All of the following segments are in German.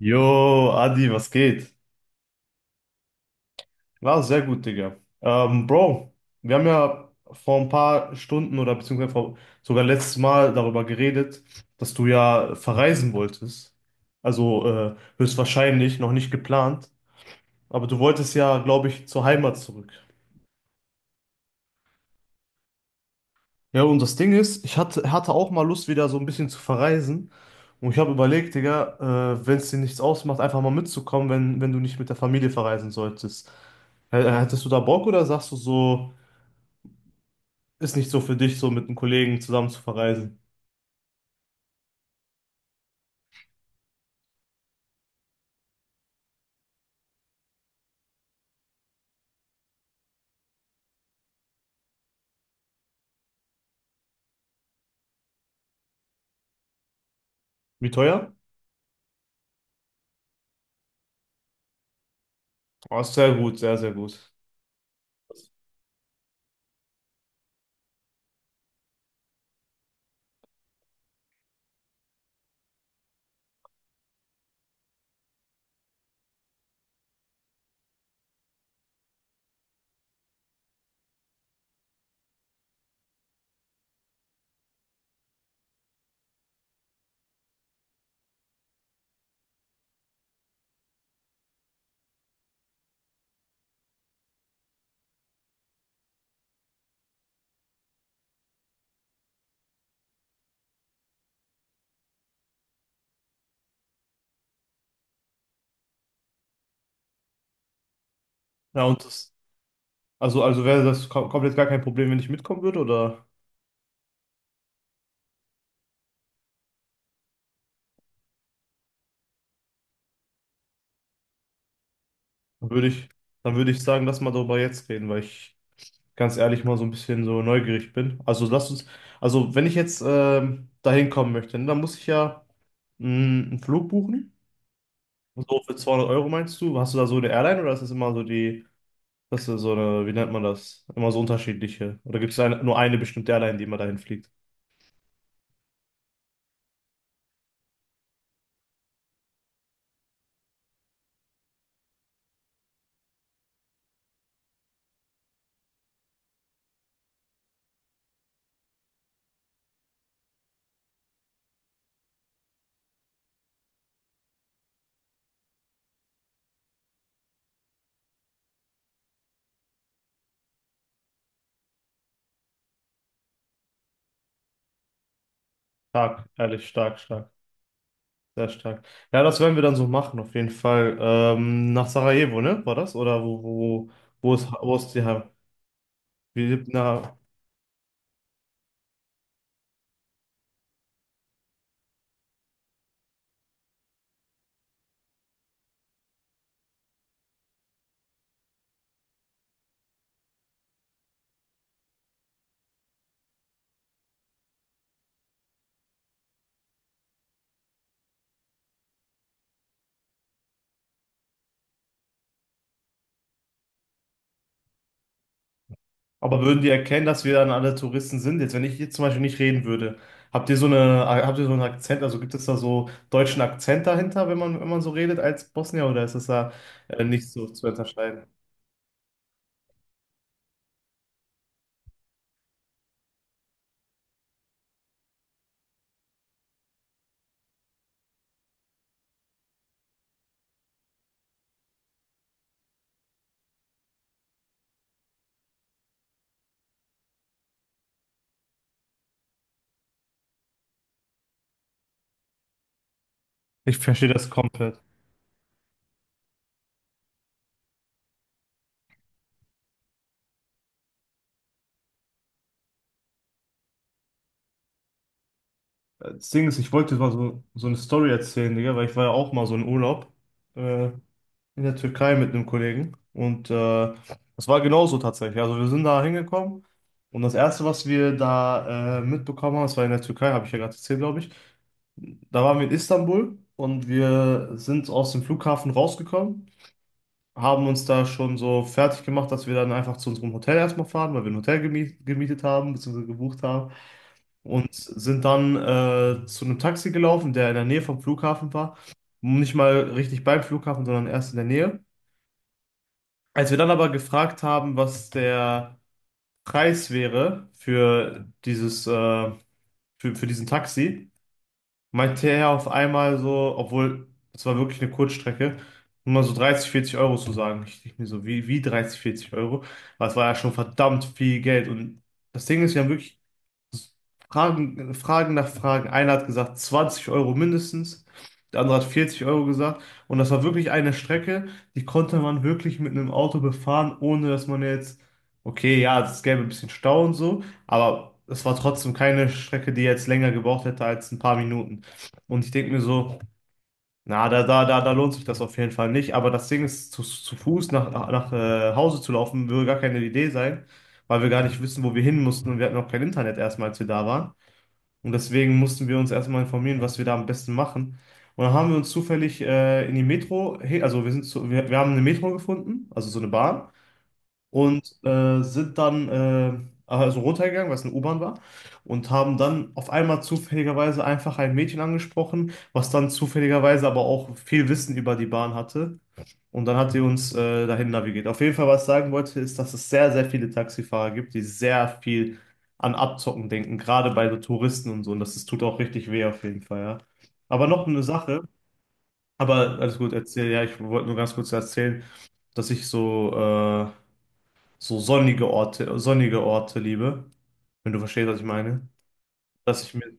Jo, Adi, was geht? Ja, sehr gut, Digga. Bro, wir haben ja vor ein paar Stunden oder sogar letztes Mal darüber geredet, dass du ja verreisen wolltest. Also höchstwahrscheinlich noch nicht geplant, aber du wolltest ja, glaube ich, zur Heimat zurück. Ja, und das Ding ist, ich hatte auch mal Lust, wieder so ein bisschen zu verreisen. Und ich habe überlegt, Digga, wenn es dir nichts ausmacht, einfach mal mitzukommen, wenn du nicht mit der Familie verreisen solltest. Hättest du da Bock oder sagst du so, ist nicht so für dich, so mit einem Kollegen zusammen zu verreisen? Wie teuer? Oh, ist sehr gut, sehr, sehr gut. Ja, und das, also wäre das komplett gar kein Problem, wenn ich mitkommen würde, oder dann würde ich, dann würde ich sagen, lass mal darüber jetzt reden, weil ich ganz ehrlich mal so ein bisschen so neugierig bin. Also wenn ich jetzt dahin kommen möchte, ne, dann muss ich ja mh, einen Flug buchen. So für 200 Euro meinst du? Hast du da so eine Airline oder ist das immer so die, das ist so eine, wie nennt man das? Immer so unterschiedliche. Oder gibt es eine, nur eine bestimmte Airline, die immer dahin fliegt? Stark, ehrlich, stark, stark, sehr stark. Ja, das werden wir dann so machen, auf jeden Fall. Nach Sarajevo, ne? War das? Oder wo, wo, wo ist die, wie, Aber würden die erkennen, dass wir dann alle Touristen sind? Jetzt, wenn ich jetzt zum Beispiel nicht reden würde, habt ihr so eine, habt ihr so einen Akzent? Also gibt es da so deutschen Akzent dahinter, wenn man so redet als Bosnier, oder ist das da nicht so zu unterscheiden? Ich verstehe das komplett. Das Ding ist, ich wollte jetzt mal so, so eine Story erzählen, Digga, weil ich war ja auch mal so in Urlaub. Äh, in der Türkei mit einem Kollegen und das war genauso tatsächlich. Also wir sind da hingekommen und das Erste, was wir da mitbekommen haben, das war in der Türkei, habe ich ja gerade erzählt, glaube ich. Da waren wir in Istanbul und wir sind aus dem Flughafen rausgekommen, haben uns da schon so fertig gemacht, dass wir dann einfach zu unserem Hotel erstmal fahren, weil wir ein gemietet haben, beziehungsweise gebucht haben und sind dann zu einem Taxi gelaufen, der in der Nähe vom Flughafen war. Nicht mal richtig beim Flughafen, sondern erst in der Nähe. Als wir dann aber gefragt haben, was der Preis wäre für für diesen Taxi, meinte er auf einmal so, obwohl es war wirklich eine Kurzstrecke, nur mal so 30, 40 Euro zu sagen. Ich dachte mir so, wie 30, 40 Euro? Das war ja schon verdammt viel Geld. Und das Ding ist, wir haben wirklich Fragen nach Fragen. Einer hat gesagt 20 Euro mindestens, der andere hat 40 Euro gesagt. Und das war wirklich eine Strecke, die konnte man wirklich mit einem Auto befahren, ohne dass man jetzt, okay, ja, es gäbe ein bisschen Stau und so, aber es war trotzdem keine Strecke, die jetzt länger gebraucht hätte als ein paar Minuten. Und ich denke mir so, da lohnt sich das auf jeden Fall nicht. Aber das Ding ist, zu Fuß nach Hause zu laufen, würde gar keine Idee sein, weil wir gar nicht wissen, wo wir hin mussten und wir hatten auch kein Internet erstmal, als wir da waren. Und deswegen mussten wir uns erstmal informieren, was wir da am besten machen. Und dann haben wir uns zufällig in die Metro, he- also wir sind zu, wir haben eine Metro gefunden, also so eine Bahn und sind dann also runtergegangen, weil es eine U-Bahn war und haben dann auf einmal zufälligerweise einfach ein Mädchen angesprochen, was dann zufälligerweise aber auch viel Wissen über die Bahn hatte. Und dann hat sie uns dahin navigiert. Auf jeden Fall, was ich sagen wollte, ist, dass es sehr, sehr viele Taxifahrer gibt, die sehr viel an Abzocken denken, gerade bei so Touristen und so. Und das, das tut auch richtig weh auf jeden Fall, ja. Aber noch eine Sache, aber alles gut, erzähl, ja, ich wollte nur ganz kurz erzählen, dass ich so so sonnige Orte liebe, wenn du verstehst, was ich meine. Dass ich mir,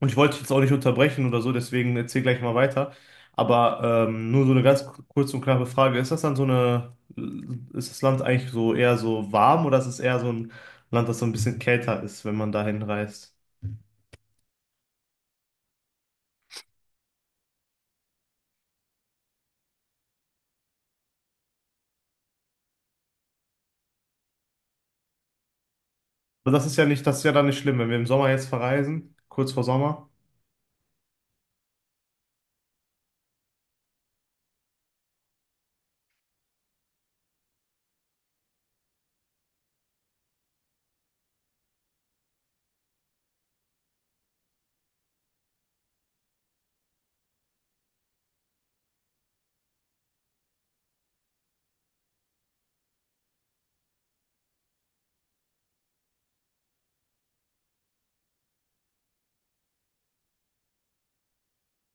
und ich wollte dich jetzt auch nicht unterbrechen oder so, deswegen erzähl gleich mal weiter. Aber nur so eine ganz kurze und knappe Frage. Ist das Land eigentlich so eher so warm oder ist es eher so ein Land, das so ein bisschen kälter ist, wenn man dahin reist? Aber das ist ja nicht, das ist ja dann nicht schlimm, wenn wir im Sommer jetzt verreisen, kurz vor Sommer.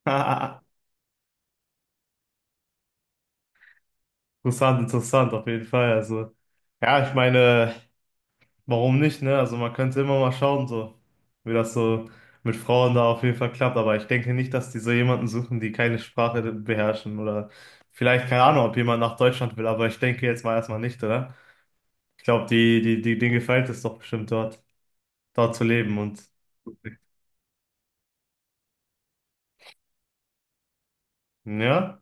Interessant, interessant, auf jeden Fall. Also, ja, ich meine. Warum nicht, ne? Also man könnte immer mal schauen, so, wie das so mit Frauen da auf jeden Fall klappt. Aber ich denke nicht, dass die so jemanden suchen, die keine Sprache beherrschen oder vielleicht, keine Ahnung, ob jemand nach Deutschland will, aber ich denke jetzt mal erstmal nicht, oder? Ich glaube, die, denen gefällt es doch bestimmt dort, dort zu leben und ja,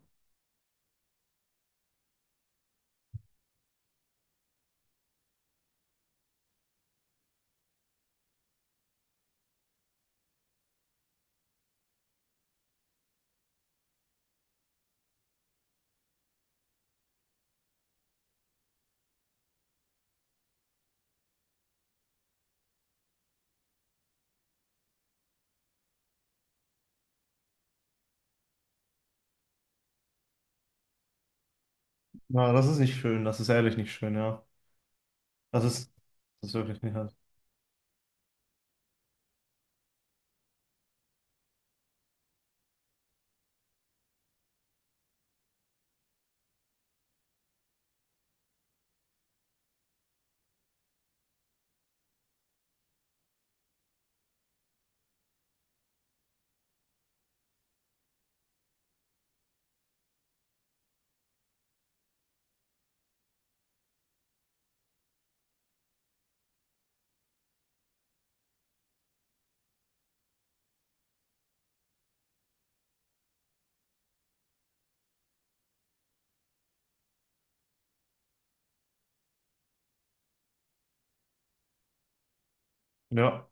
na, das ist nicht schön, das ist ehrlich nicht schön, ja. Das ist, das ist wirklich nicht halt. Ja,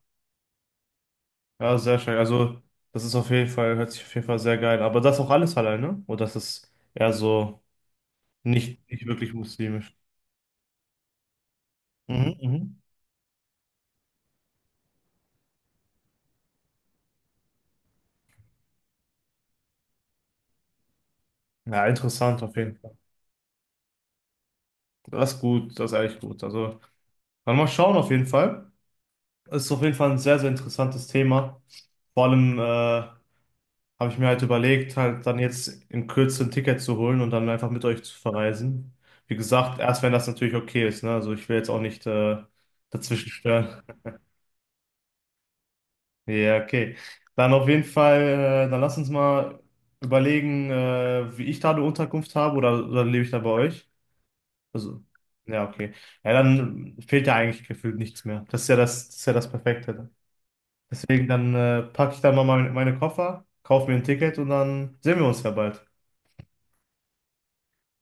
ja, sehr schön. Also, das ist auf jeden Fall, hört sich auf jeden Fall sehr geil. An. Aber das auch alles alleine? Oder das ist eher so. Nicht, nicht wirklich muslimisch. Mhm, mhm. Ja, interessant auf jeden Fall. Das ist gut, das ist echt gut. Also, dann mal schauen auf jeden Fall. Es ist auf jeden Fall ein sehr, sehr interessantes Thema. Vor allem habe ich mir halt überlegt, halt dann jetzt in Kürze ein Ticket zu holen und dann einfach mit euch zu verreisen. Wie gesagt, erst wenn das natürlich okay ist, ne? Also ich will jetzt auch nicht dazwischen stören. Ja, okay. Dann auf jeden Fall, dann lass uns mal überlegen, wie ich da eine Unterkunft habe oder lebe ich da bei euch? Also, ja, okay. Ja, dann fehlt ja eigentlich gefühlt nichts mehr. Das ist ja das Perfekte. Deswegen dann packe ich dann mal meine Koffer, kaufe mir ein Ticket und dann sehen wir uns ja bald.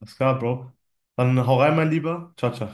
Alles klar, Bro. Dann hau rein, mein Lieber. Ciao, ciao.